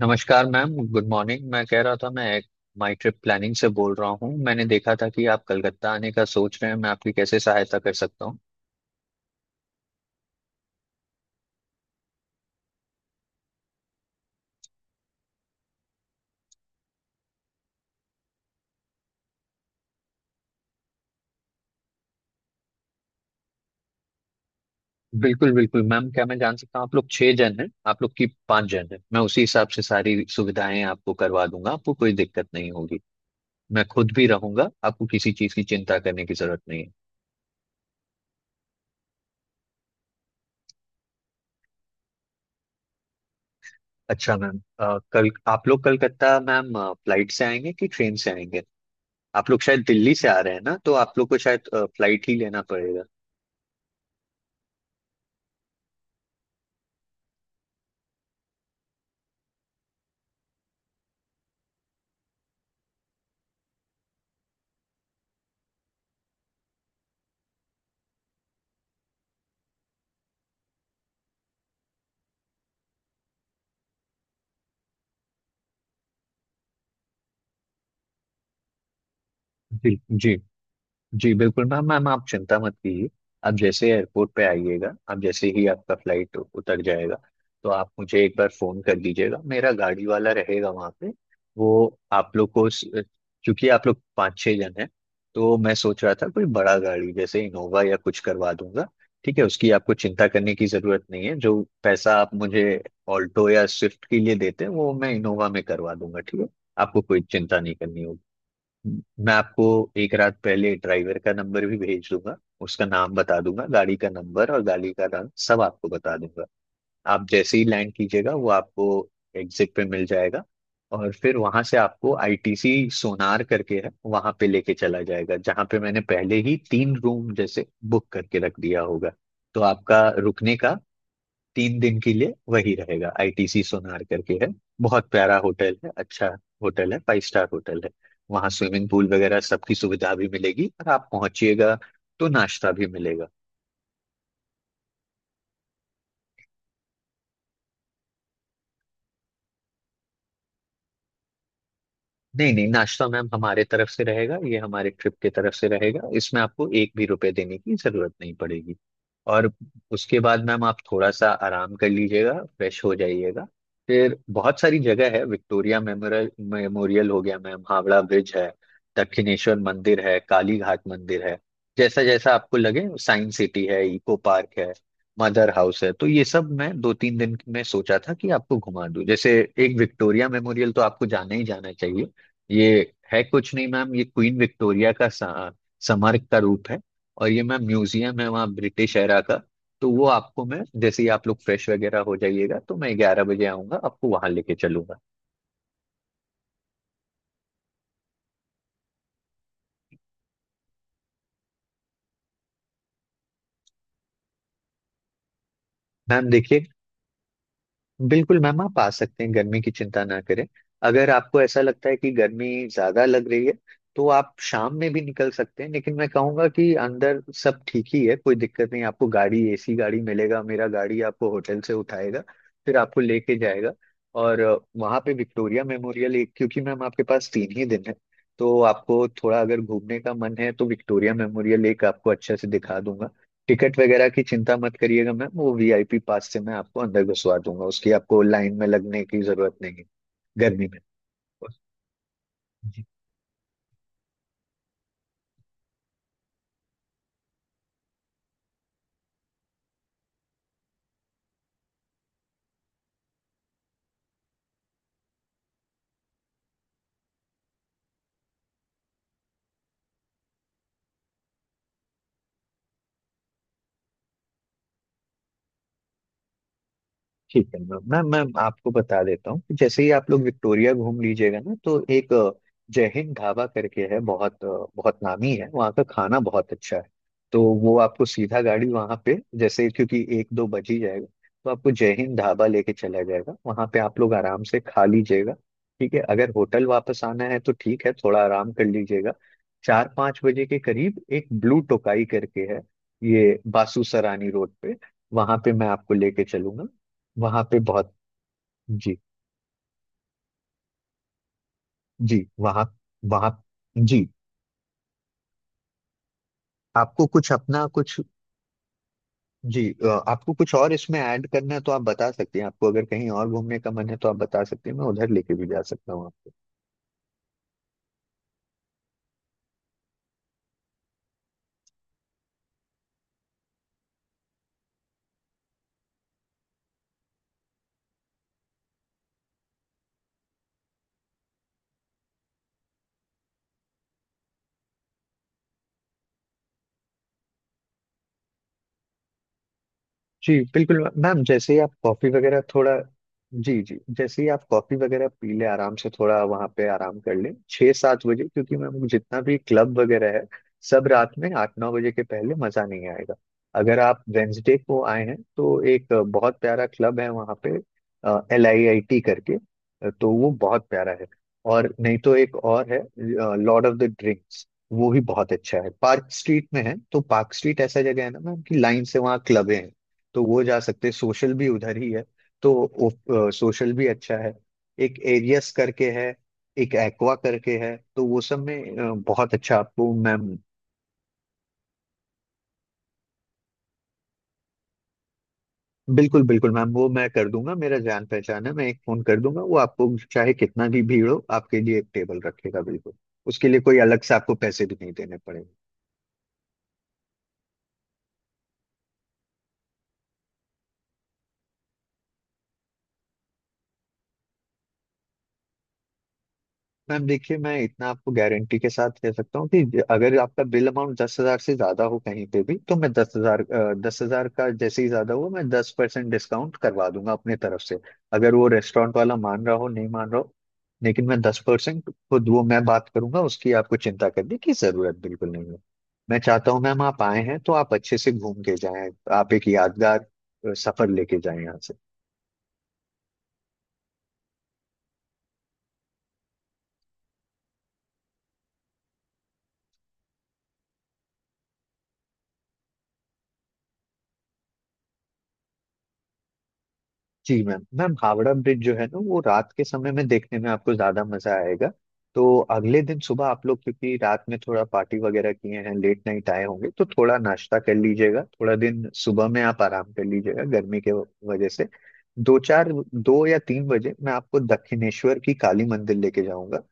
नमस्कार ma'am, good morning. मैं कह रहा था, मैं एक माई ट्रिप प्लानिंग से बोल रहा हूँ। मैंने देखा था कि आप कलकत्ता आने का सोच रहे हैं। मैं आपकी कैसे सहायता कर सकता हूँ? बिल्कुल बिल्कुल मैम। क्या मैं जान सकता हूँ, आप लोग 6 जन हैं, आप लोग की 5 जन हैं। मैं उसी हिसाब से सारी सुविधाएं आपको करवा दूंगा, आपको कोई दिक्कत नहीं होगी। मैं खुद भी रहूंगा, आपको किसी चीज की चिंता करने की जरूरत नहीं है। अच्छा मैम, कल आप लोग कलकत्ता मैम फ्लाइट से आएंगे कि ट्रेन से आएंगे? आप लोग शायद दिल्ली से आ रहे हैं ना, तो आप लोग को शायद फ्लाइट ही लेना पड़ेगा। जी जी जी, बिल्कुल मैम मैम आप चिंता मत कीजिए। आप जैसे एयरपोर्ट पे आइएगा, आप जैसे ही आपका फ्लाइट उतर जाएगा तो आप मुझे एक बार फोन कर दीजिएगा। मेरा गाड़ी वाला रहेगा वहाँ पे। वो आप लोग को क्योंकि आप लोग 5-6 जन हैं, तो मैं सोच रहा था कोई बड़ा गाड़ी जैसे इनोवा या कुछ करवा दूंगा। ठीक है, उसकी आपको चिंता करने की ज़रूरत नहीं है। जो पैसा आप मुझे ऑल्टो या स्विफ्ट के लिए देते हैं, वो मैं इनोवा में करवा दूंगा। ठीक है, आपको कोई चिंता नहीं करनी होगी। मैं आपको एक रात पहले ड्राइवर का नंबर भी भेज दूंगा। उसका नाम बता दूंगा, गाड़ी का नंबर और गाड़ी का रंग सब आपको बता दूंगा। आप जैसे ही लैंड कीजिएगा वो आपको एग्जिट पे मिल जाएगा। और फिर वहां से आपको आईटीसी सोनार करके है, वहां पे लेके चला जाएगा, जहां पे मैंने पहले ही 3 रूम जैसे बुक करके रख दिया होगा। तो आपका रुकने का 3 दिन के लिए वही रहेगा, आईटीसी सोनार करके है। बहुत प्यारा होटल है, अच्छा होटल है, फाइव स्टार होटल है। वहाँ स्विमिंग पूल वगैरह सबकी सुविधा भी मिलेगी, और आप पहुंचिएगा तो नाश्ता भी मिलेगा। नहीं नहीं, नाश्ता मैम हमारे तरफ से रहेगा, ये हमारे ट्रिप की तरफ से रहेगा, इसमें आपको एक भी रुपए देने की जरूरत नहीं पड़ेगी। और उसके बाद मैम आप थोड़ा सा आराम कर लीजिएगा, फ्रेश हो जाइएगा। फिर बहुत सारी जगह है। विक्टोरिया मेमोरियल मेमोरियल हो गया मैम, हावड़ा ब्रिज है, दक्षिणेश्वर मंदिर है, काली घाट मंदिर है, जैसा जैसा आपको लगे। साइंस सिटी है, इको पार्क है, मदर हाउस है। तो ये सब मैं 2-3 दिन में सोचा था कि आपको घुमा दूं। जैसे एक विक्टोरिया मेमोरियल तो आपको जाना ही जाना चाहिए। ये है कुछ नहीं मैम, ये क्वीन विक्टोरिया का स्मारक का रूप है। और ये मैम म्यूजियम है, वहाँ ब्रिटिश एरा का। तो वो आपको, मैं जैसे ही आप लोग फ्रेश वगैरह हो जाइएगा, तो मैं 11 बजे आऊंगा, आपको वहां लेके चलूंगा। मैम देखिए, बिल्कुल मैम आप आ सकते हैं, गर्मी की चिंता ना करें। अगर आपको ऐसा लगता है कि गर्मी ज्यादा लग रही है तो आप शाम में भी निकल सकते हैं, लेकिन मैं कहूंगा कि अंदर सब ठीक ही है, कोई दिक्कत नहीं। आपको गाड़ी, एसी गाड़ी मिलेगा, मेरा गाड़ी आपको होटल से उठाएगा, फिर आपको लेके जाएगा। और वहां पे विक्टोरिया मेमोरियल एक, क्योंकि मैम आपके पास 3 ही दिन है, तो आपको थोड़ा अगर घूमने का मन है तो विक्टोरिया मेमोरियल एक आपको अच्छे से दिखा दूंगा। टिकट वगैरह की चिंता मत करिएगा मैम, वो वीआईपी पास से मैं आपको अंदर घुसवा दूंगा, उसकी आपको लाइन में लगने की जरूरत नहीं है। गर्मी में ठीक है मैम मैम मैम आपको बता देता हूँ कि जैसे ही आप लोग विक्टोरिया घूम लीजिएगा ना, तो एक जय हिंद ढाबा करके है। बहुत नामी है, वहाँ का खाना बहुत अच्छा है। तो वो आपको सीधा गाड़ी वहाँ पे, जैसे क्योंकि 1-2 बज ही जाएगा, तो आपको जय हिंद ढाबा लेके चला जाएगा। वहाँ पे आप लोग आराम से खा लीजिएगा। ठीक है, अगर होटल वापस आना है तो ठीक है, थोड़ा आराम कर लीजिएगा। 4-5 बजे के करीब एक ब्लू टोकाई करके है, ये बासु सरानी रोड पे, वहां पे मैं आपको लेके चलूंगा। वहां पे बहुत... जी जी। वहां वहां जी, आपको कुछ अपना कुछ... जी आपको कुछ और इसमें ऐड करना है तो आप बता सकते हैं, आपको अगर कहीं और घूमने का मन है तो आप बता सकते हैं, मैं उधर लेके भी जा सकता हूँ। जी बिल्कुल मैम, जैसे ही आप कॉफी वगैरह थोड़ा... जी जी, जैसे ही आप कॉफी वगैरह पी लें, आराम से थोड़ा वहां पे आराम कर लें 6-7 बजे, क्योंकि मैम जितना भी क्लब वगैरह है, सब रात में 8-9 बजे के पहले मजा नहीं आएगा। अगर आप वेंसडे को आए हैं तो एक बहुत प्यारा क्लब है वहाँ पे, एल आई आई टी करके। तो वो बहुत प्यारा है। और नहीं तो एक और है, लॉर्ड ऑफ द ड्रिंक्स, वो भी बहुत अच्छा है, पार्क स्ट्रीट में है। तो पार्क स्ट्रीट ऐसा जगह है ना मैम कि लाइन से वहाँ क्लब है, तो वो जा सकते हैं। सोशल भी उधर ही है, तो वो, सोशल भी अच्छा है। एक एरियस करके है, एक एक्वा करके है, तो वो सब में बहुत अच्छा आपको मैम। बिल्कुल बिल्कुल मैम, वो मैं कर दूंगा। मेरा जान पहचान है, मैं एक फोन कर दूंगा, वो आपको चाहे कितना भी भीड़ हो, आपके लिए एक टेबल रखेगा बिल्कुल। उसके लिए कोई अलग से आपको पैसे भी नहीं देने पड़ेंगे। मैम देखिए, मैं इतना आपको गारंटी के साथ कह सकता हूँ कि अगर आपका बिल अमाउंट 10,000 से ज्यादा हो कहीं पे भी, तो मैं 10,000, का जैसे ही ज्यादा हुआ मैं 10% डिस्काउंट करवा दूंगा अपने तरफ से, अगर वो रेस्टोरेंट वाला मान रहा हो नहीं मान रहा हो। लेकिन मैं 10% खुद, वो मैं बात करूंगा, उसकी आपको चिंता करने की जरूरत बिल्कुल नहीं है। मैं चाहता हूँ मैम, आप आए हैं तो आप अच्छे से घूम के जाएं, आप एक यादगार सफर लेके जाएं यहाँ से। जी मैम, हावड़ा ब्रिज जो है ना, वो रात के समय में देखने में आपको ज्यादा मजा आएगा। तो अगले दिन सुबह आप लोग, क्योंकि रात में थोड़ा पार्टी वगैरह किए हैं, लेट नाइट आए होंगे, तो थोड़ा नाश्ता कर लीजिएगा, थोड़ा दिन सुबह में आप आराम कर लीजिएगा गर्मी के वजह से। दो चार, 2 या 3 बजे मैं आपको दक्षिणेश्वर की काली मंदिर लेके जाऊंगा।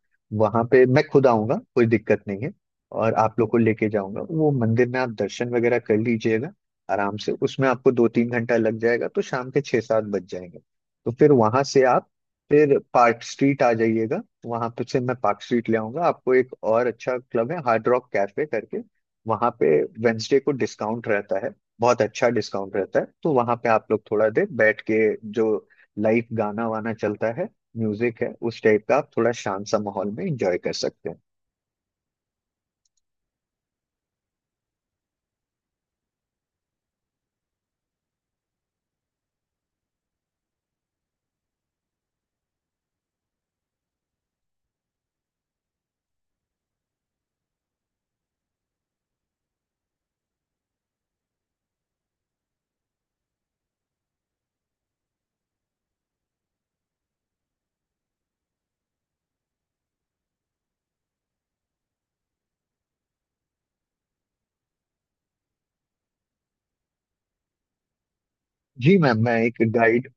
वहां पे मैं खुद आऊंगा, कोई दिक्कत नहीं है। और आप लोग को लेके जाऊंगा, वो मंदिर में आप दर्शन वगैरह कर लीजिएगा। आराम से उसमें आपको 2-3 घंटा लग जाएगा, तो शाम के 6-7 बज जाएंगे। तो फिर वहां से आप फिर पार्क स्ट्रीट आ जाइएगा, वहां पे से मैं पार्क स्ट्रीट ले आऊंगा। आपको एक और अच्छा क्लब है, हार्ड रॉक कैफे करके, वहां पे वेंसडे को डिस्काउंट रहता है, बहुत अच्छा डिस्काउंट रहता है। तो वहां पे आप लोग थोड़ा देर बैठ के, जो लाइव गाना वाना चलता है, म्यूजिक है उस टाइप का, आप थोड़ा शांत सा माहौल में एंजॉय कर सकते हैं। जी मैम, मैं एक गाइड...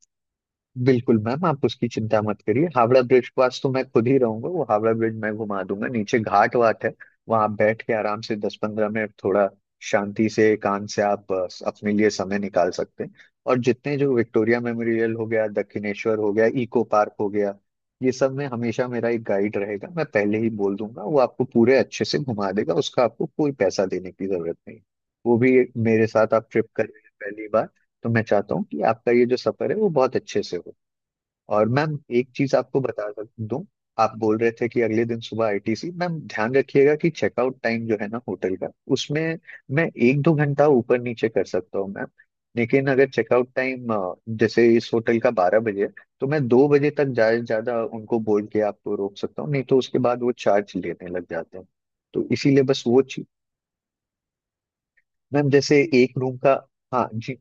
बिल्कुल मैम आप उसकी चिंता मत करिए, हावड़ा ब्रिज के पास तो मैं खुद ही रहूंगा, वो हावड़ा ब्रिज मैं घुमा दूंगा। नीचे घाट वाट है, वहां आप बैठ के आराम से 10-15 मिनट थोड़ा शांति से एकांत से आप अपने लिए समय निकाल सकते हैं। और जितने, जो विक्टोरिया मेमोरियल हो गया, दक्षिणेश्वर हो गया, इको पार्क हो गया, ये सब में हमेशा मेरा एक गाइड रहेगा। मैं पहले ही बोल दूंगा, वो आपको पूरे अच्छे से घुमा देगा, उसका आपको कोई पैसा देने की जरूरत नहीं। वो भी, मेरे साथ आप ट्रिप कर रहे हैं पहली बार, तो मैं चाहता हूँ कि आपका ये जो सफर है वो बहुत अच्छे से हो। और मैम एक चीज आपको बता दूं। आप बोल रहे थे कि अगले दिन सुबह आईटीसी, मैम ध्यान रखिएगा कि चेकआउट टाइम जो है ना होटल का, उसमें मैं 1-2 घंटा ऊपर नीचे कर सकता हूँ मैम। लेकिन अगर चेकआउट टाइम जैसे इस होटल का 12 बजे है, तो मैं 2 बजे तक ज्यादा से ज्यादा उनको बोल के आपको रोक सकता हूँ, नहीं तो उसके बाद वो चार्ज लेने लग जाते हैं। तो इसीलिए बस वो चीज। मैम जैसे एक रूम का... हाँ जी,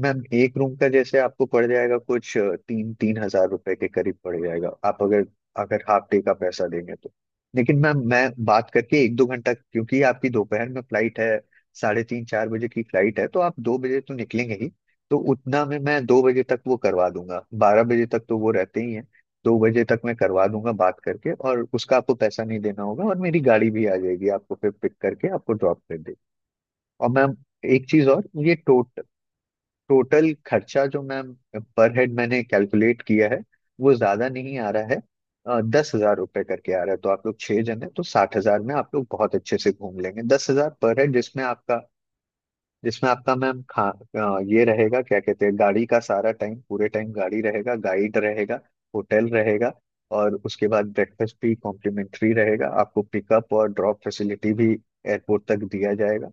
मैम एक रूम का जैसे आपको पड़ जाएगा, कुछ 3-3 हजार रुपए के करीब पड़ जाएगा, आप अगर, हाफ डे का पैसा देंगे तो। लेकिन मैम मैं बात करके 1-2 घंटा, क्योंकि आपकी दोपहर में फ्लाइट है, 3:30-4 बजे की फ्लाइट है, तो आप 2 बजे तो निकलेंगे ही। तो उतना में मैं 2 बजे तक वो करवा दूंगा, 12 बजे तक तो वो रहते ही हैं, 2 बजे तक मैं करवा दूंगा बात करके, और उसका आपको पैसा नहीं देना होगा। और मेरी गाड़ी भी आ जाएगी, आपको फिर पिक करके आपको ड्रॉप कर देगी। और मैम एक चीज और, ये टोट टोटल खर्चा जो मैम पर हेड मैंने कैलकुलेट किया है, वो ज्यादा नहीं आ रहा है। ₹10,000 करके आ रहा है, तो आप लोग 6 जन है तो 60,000 में आप लोग बहुत अच्छे से घूम लेंगे, 10,000 पर हेड, जिसमें आपका मैम खा... ये रहेगा, क्या कहते हैं, गाड़ी का सारा टाइम, पूरे टाइम गाड़ी रहेगा, गाइड रहेगा, होटल रहेगा। और उसके बाद ब्रेकफास्ट भी कॉम्प्लीमेंट्री रहेगा, आपको पिकअप और ड्रॉप फैसिलिटी भी एयरपोर्ट तक दिया जाएगा।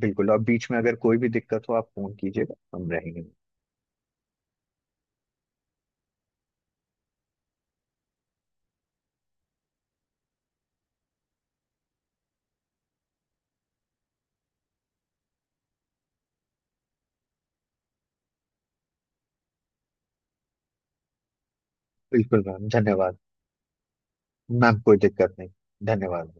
बिल्कुल, और बीच में अगर कोई भी दिक्कत हो आप फोन कीजिएगा, हम रहेंगे। बिल्कुल मैम, धन्यवाद। मैम कोई दिक्कत नहीं, धन्यवाद।